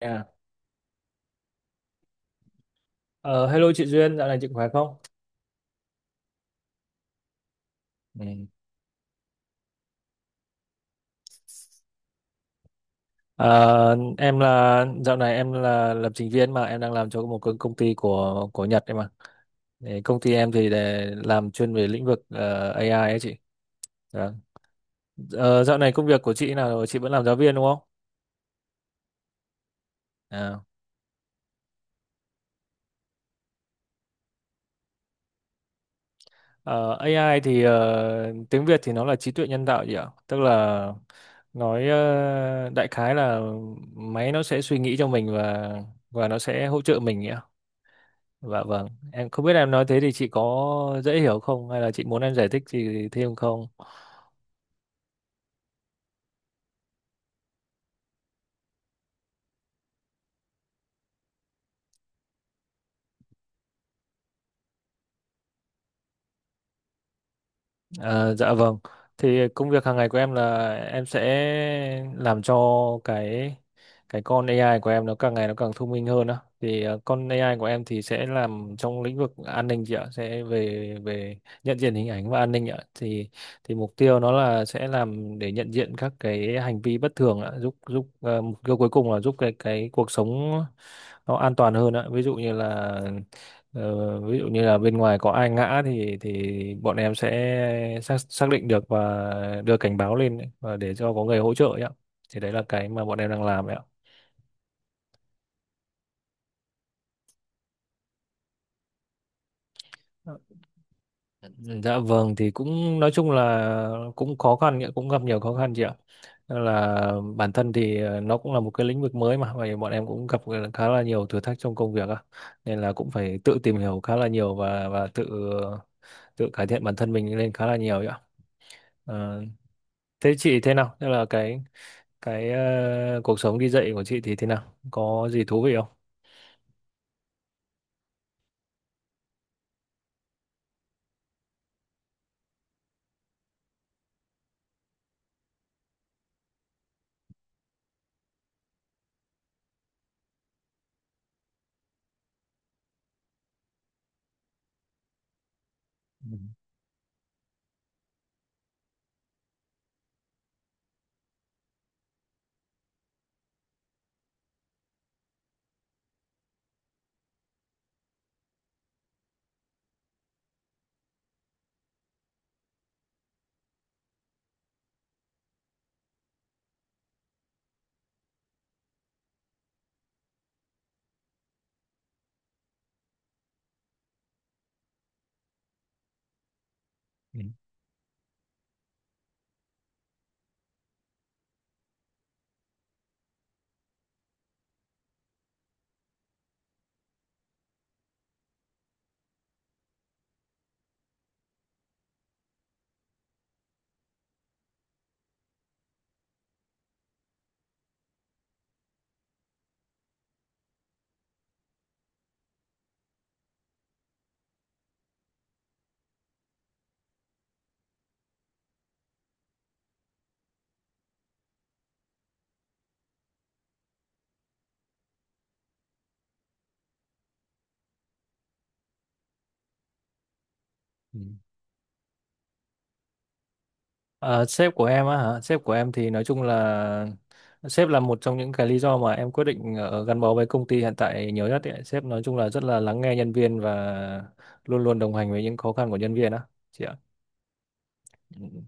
À, ờ, hello chị Duyên, dạo này chị khỏe không? Ừ. Ờ, em dạo này em là lập trình viên mà em đang làm cho một công công ty của Nhật ấy mà. Đấy, công ty em thì để làm chuyên về lĩnh vực AI ấy chị. Dạ. Ờ, dạo này công việc của chị nào rồi? Chị vẫn làm giáo viên đúng không? À. Ờ, AI thì tiếng Việt thì nó là trí tuệ nhân tạo gì ạ? Tức là nói đại khái là máy nó sẽ suy nghĩ cho mình và nó sẽ hỗ trợ mình nhỉ? Dạ vâng, em không biết em nói thế thì chị có dễ hiểu không hay là chị muốn em giải thích gì thêm không? Ờ, dạ vâng. Thì công việc hàng ngày của em là em sẽ làm cho cái cái con AI của em nó càng ngày nó càng thông minh hơn á. Thì con AI của em thì sẽ làm trong lĩnh vực an ninh chị ạ, sẽ về về nhận diện hình ảnh và an ninh ạ. Thì mục tiêu nó là sẽ làm để nhận diện các cái hành vi bất thường ạ, giúp giúp mục tiêu cuối cùng là giúp cái cuộc sống nó an toàn hơn ạ. Ví dụ như là Ờ, ví dụ như là bên ngoài có ai ngã thì bọn em sẽ xác xác định được và đưa cảnh báo lên ấy, và để cho có người hỗ trợ ấy ạ. Thì đấy là cái mà bọn em đang làm ấy ạ. Dạ vâng, thì cũng nói chung là cũng khó khăn ấy, cũng gặp nhiều khó khăn chị ạ. Nên là bản thân thì nó cũng là một cái lĩnh vực mới mà và bọn em cũng gặp khá là nhiều thử thách trong công việc á. Nên là cũng phải tự tìm hiểu khá là nhiều và tự tự cải thiện bản thân mình lên khá là nhiều ấy ạ. Ờ, thế chị thế nào? Thế là cái cuộc sống đi dạy của chị thì thế nào, có gì thú vị không? Ừ, ừ, ừ. À, sếp của em á hả? Sếp của em thì nói chung là sếp là một trong những cái lý do mà em quyết định gắn bó với công ty hiện tại nhiều nhất ấy. Sếp nói chung là rất là lắng nghe nhân viên và luôn luôn đồng hành với những khó khăn của nhân viên á chị ạ. Ừ.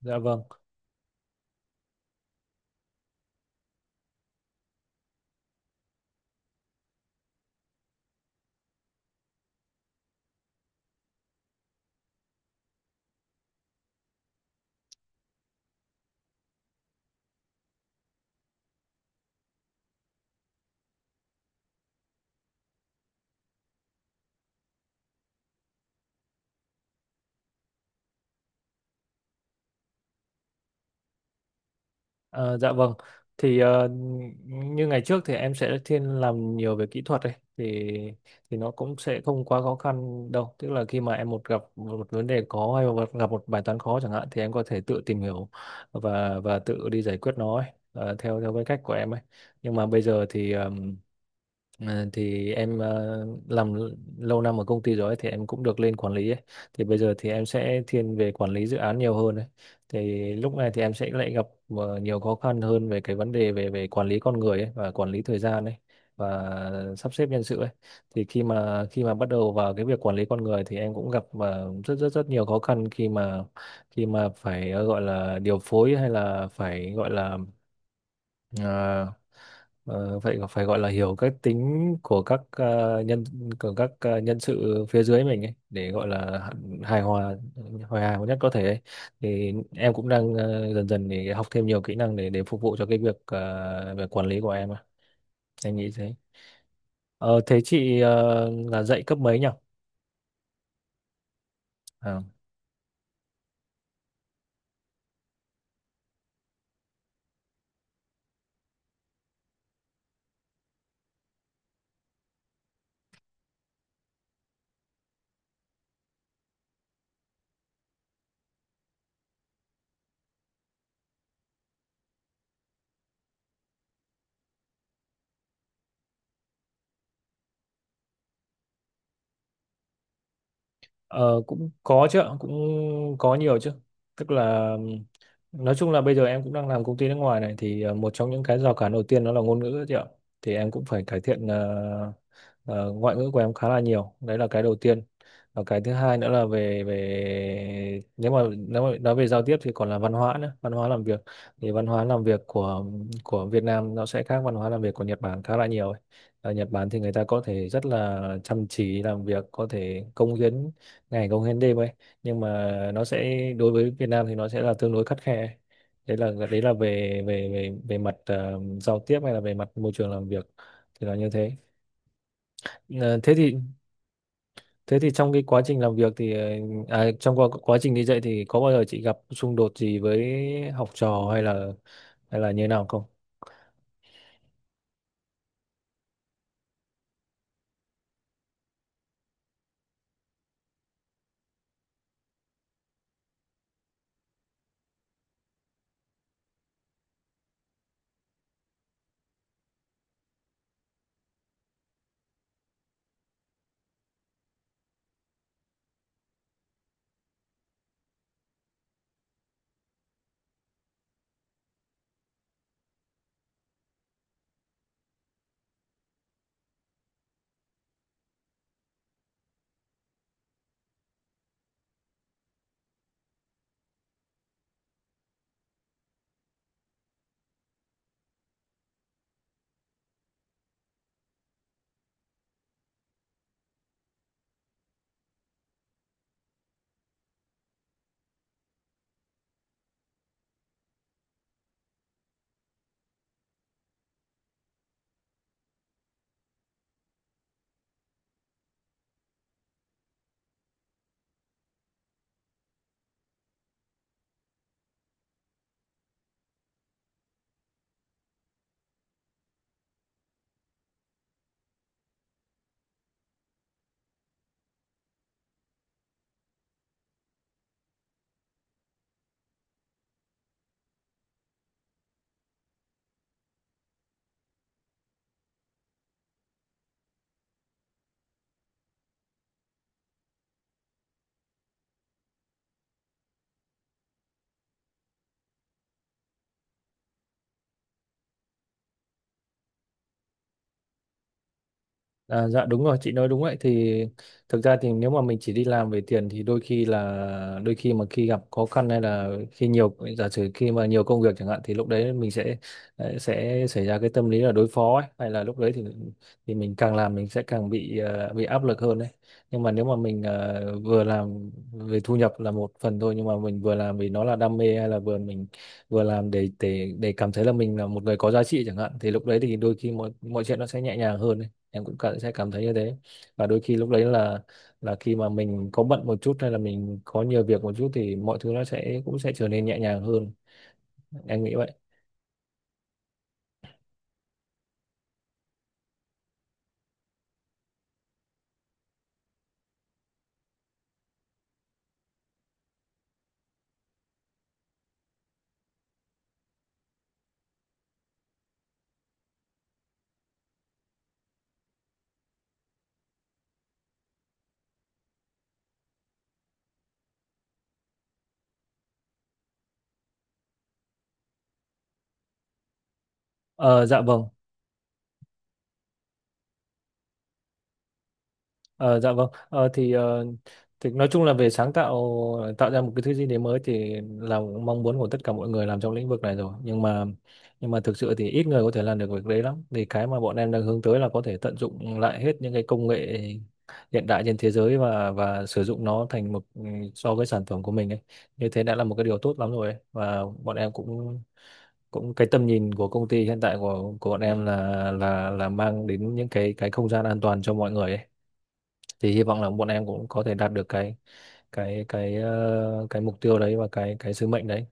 Dạ vâng. Ờ, dạ vâng. Thì ờ, Như ngày trước thì em sẽ thiên làm nhiều về kỹ thuật ấy, thì nó cũng sẽ không quá khó khăn đâu. Tức là khi mà em gặp một vấn đề khó hay gặp một bài toán khó chẳng hạn thì em có thể tự tìm hiểu và tự đi giải quyết nó ấy, theo theo cái cách của em ấy. Nhưng mà bây giờ thì em làm lâu năm ở công ty rồi ấy, thì em cũng được lên quản lý ấy. Thì bây giờ thì em sẽ thiên về quản lý dự án nhiều hơn ấy. Thì lúc này thì em sẽ lại gặp nhiều khó khăn hơn về cái vấn đề về về quản lý con người ấy và quản lý thời gian ấy và sắp xếp nhân sự ấy. Thì khi mà bắt đầu vào cái việc quản lý con người thì em cũng gặp rất rất rất nhiều khó khăn khi mà phải gọi là điều phối hay là phải gọi là ờ, vậy phải gọi là hiểu các tính của các ờ, nhân của các nhân sự phía dưới mình ấy, để gọi là hài hòa hài hòa nhất có thể ấy. Thì em cũng đang dần dần để học thêm nhiều kỹ năng để phục vụ cho cái việc về quản lý của em ạ. Em nghĩ thế. Ờ, thế chị là dạy cấp mấy nhỉ? À. Ờ, cũng có chứ ạ, cũng có nhiều chứ. Tức là nói chung là bây giờ em cũng đang làm công ty nước ngoài này thì một trong những cái rào cản đầu tiên đó là ngôn ngữ chứ ạ. Thì em cũng phải cải thiện ngoại ngữ của em khá là nhiều. Đấy là cái đầu tiên. Và cái thứ hai nữa là về về nếu mà nói về giao tiếp thì còn là văn hóa nữa, văn hóa làm việc. Thì văn hóa làm việc của Việt Nam nó sẽ khác văn hóa làm việc của Nhật Bản khá là nhiều ấy. Ở Nhật Bản thì người ta có thể rất là chăm chỉ làm việc, có thể cống hiến ngày công hiến đêm ấy, nhưng mà nó sẽ đối với Việt Nam thì nó sẽ là tương đối khắt khe. Đấy là về về về về mặt giao tiếp hay là về mặt môi trường làm việc thì là như thế. Ờ, thế thì Thế thì trong cái quá trình làm việc thì trong quá trình đi dạy thì có bao giờ chị gặp xung đột gì với học trò hay là như thế nào không? À, dạ đúng rồi, chị nói đúng. Vậy thì thực ra thì nếu mà mình chỉ đi làm về tiền thì đôi khi mà khi gặp khó khăn hay là khi nhiều giả sử khi mà nhiều công việc chẳng hạn thì lúc đấy mình sẽ sẽ xảy ra cái tâm lý là đối phó ấy. Hay là lúc đấy thì mình càng làm mình sẽ càng bị bị áp lực hơn đấy, nhưng mà nếu mà mình vừa làm về thu nhập là một phần thôi, nhưng mà mình vừa làm vì nó là đam mê hay là vừa làm để cảm thấy là mình là một người có giá trị chẳng hạn, thì lúc đấy thì đôi khi mọi mọi chuyện nó sẽ nhẹ nhàng hơn ấy. Em cũng sẽ cảm thấy như thế. Và đôi khi lúc đấy là khi mà mình có bận một chút hay là mình có nhiều việc một chút thì mọi thứ nó sẽ cũng sẽ trở nên nhẹ nhàng hơn. Em nghĩ vậy. Ờ, dạ vâng. Ờ, dạ vâng thì nói chung là về sáng tạo, tạo ra một cái thứ gì đấy mới thì là mong muốn của tất cả mọi người làm trong lĩnh vực này rồi, nhưng mà thực sự thì ít người có thể làm được việc đấy lắm. Thì cái mà bọn em đang hướng tới là có thể tận dụng lại hết những cái công nghệ hiện đại trên thế giới và sử dụng nó thành một so với sản phẩm của mình ấy, như thế đã là một cái điều tốt lắm rồi ấy. Và bọn em cũng cũng cái tầm nhìn của công ty hiện tại của bọn em là mang đến những cái không gian an toàn cho mọi người ấy, thì hy vọng là bọn em cũng có thể đạt được cái mục tiêu đấy và cái sứ mệnh đấy.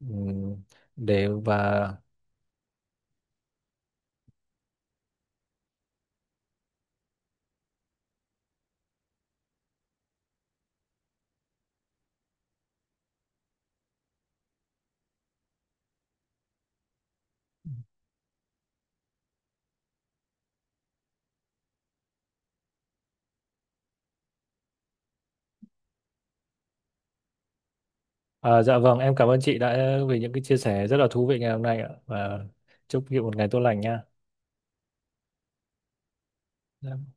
Ừm, để và à, dạ vâng em cảm ơn chị đã vì những cái chia sẻ rất là thú vị ngày hôm nay ạ, và chúc chị một ngày tốt lành nha. Dạ.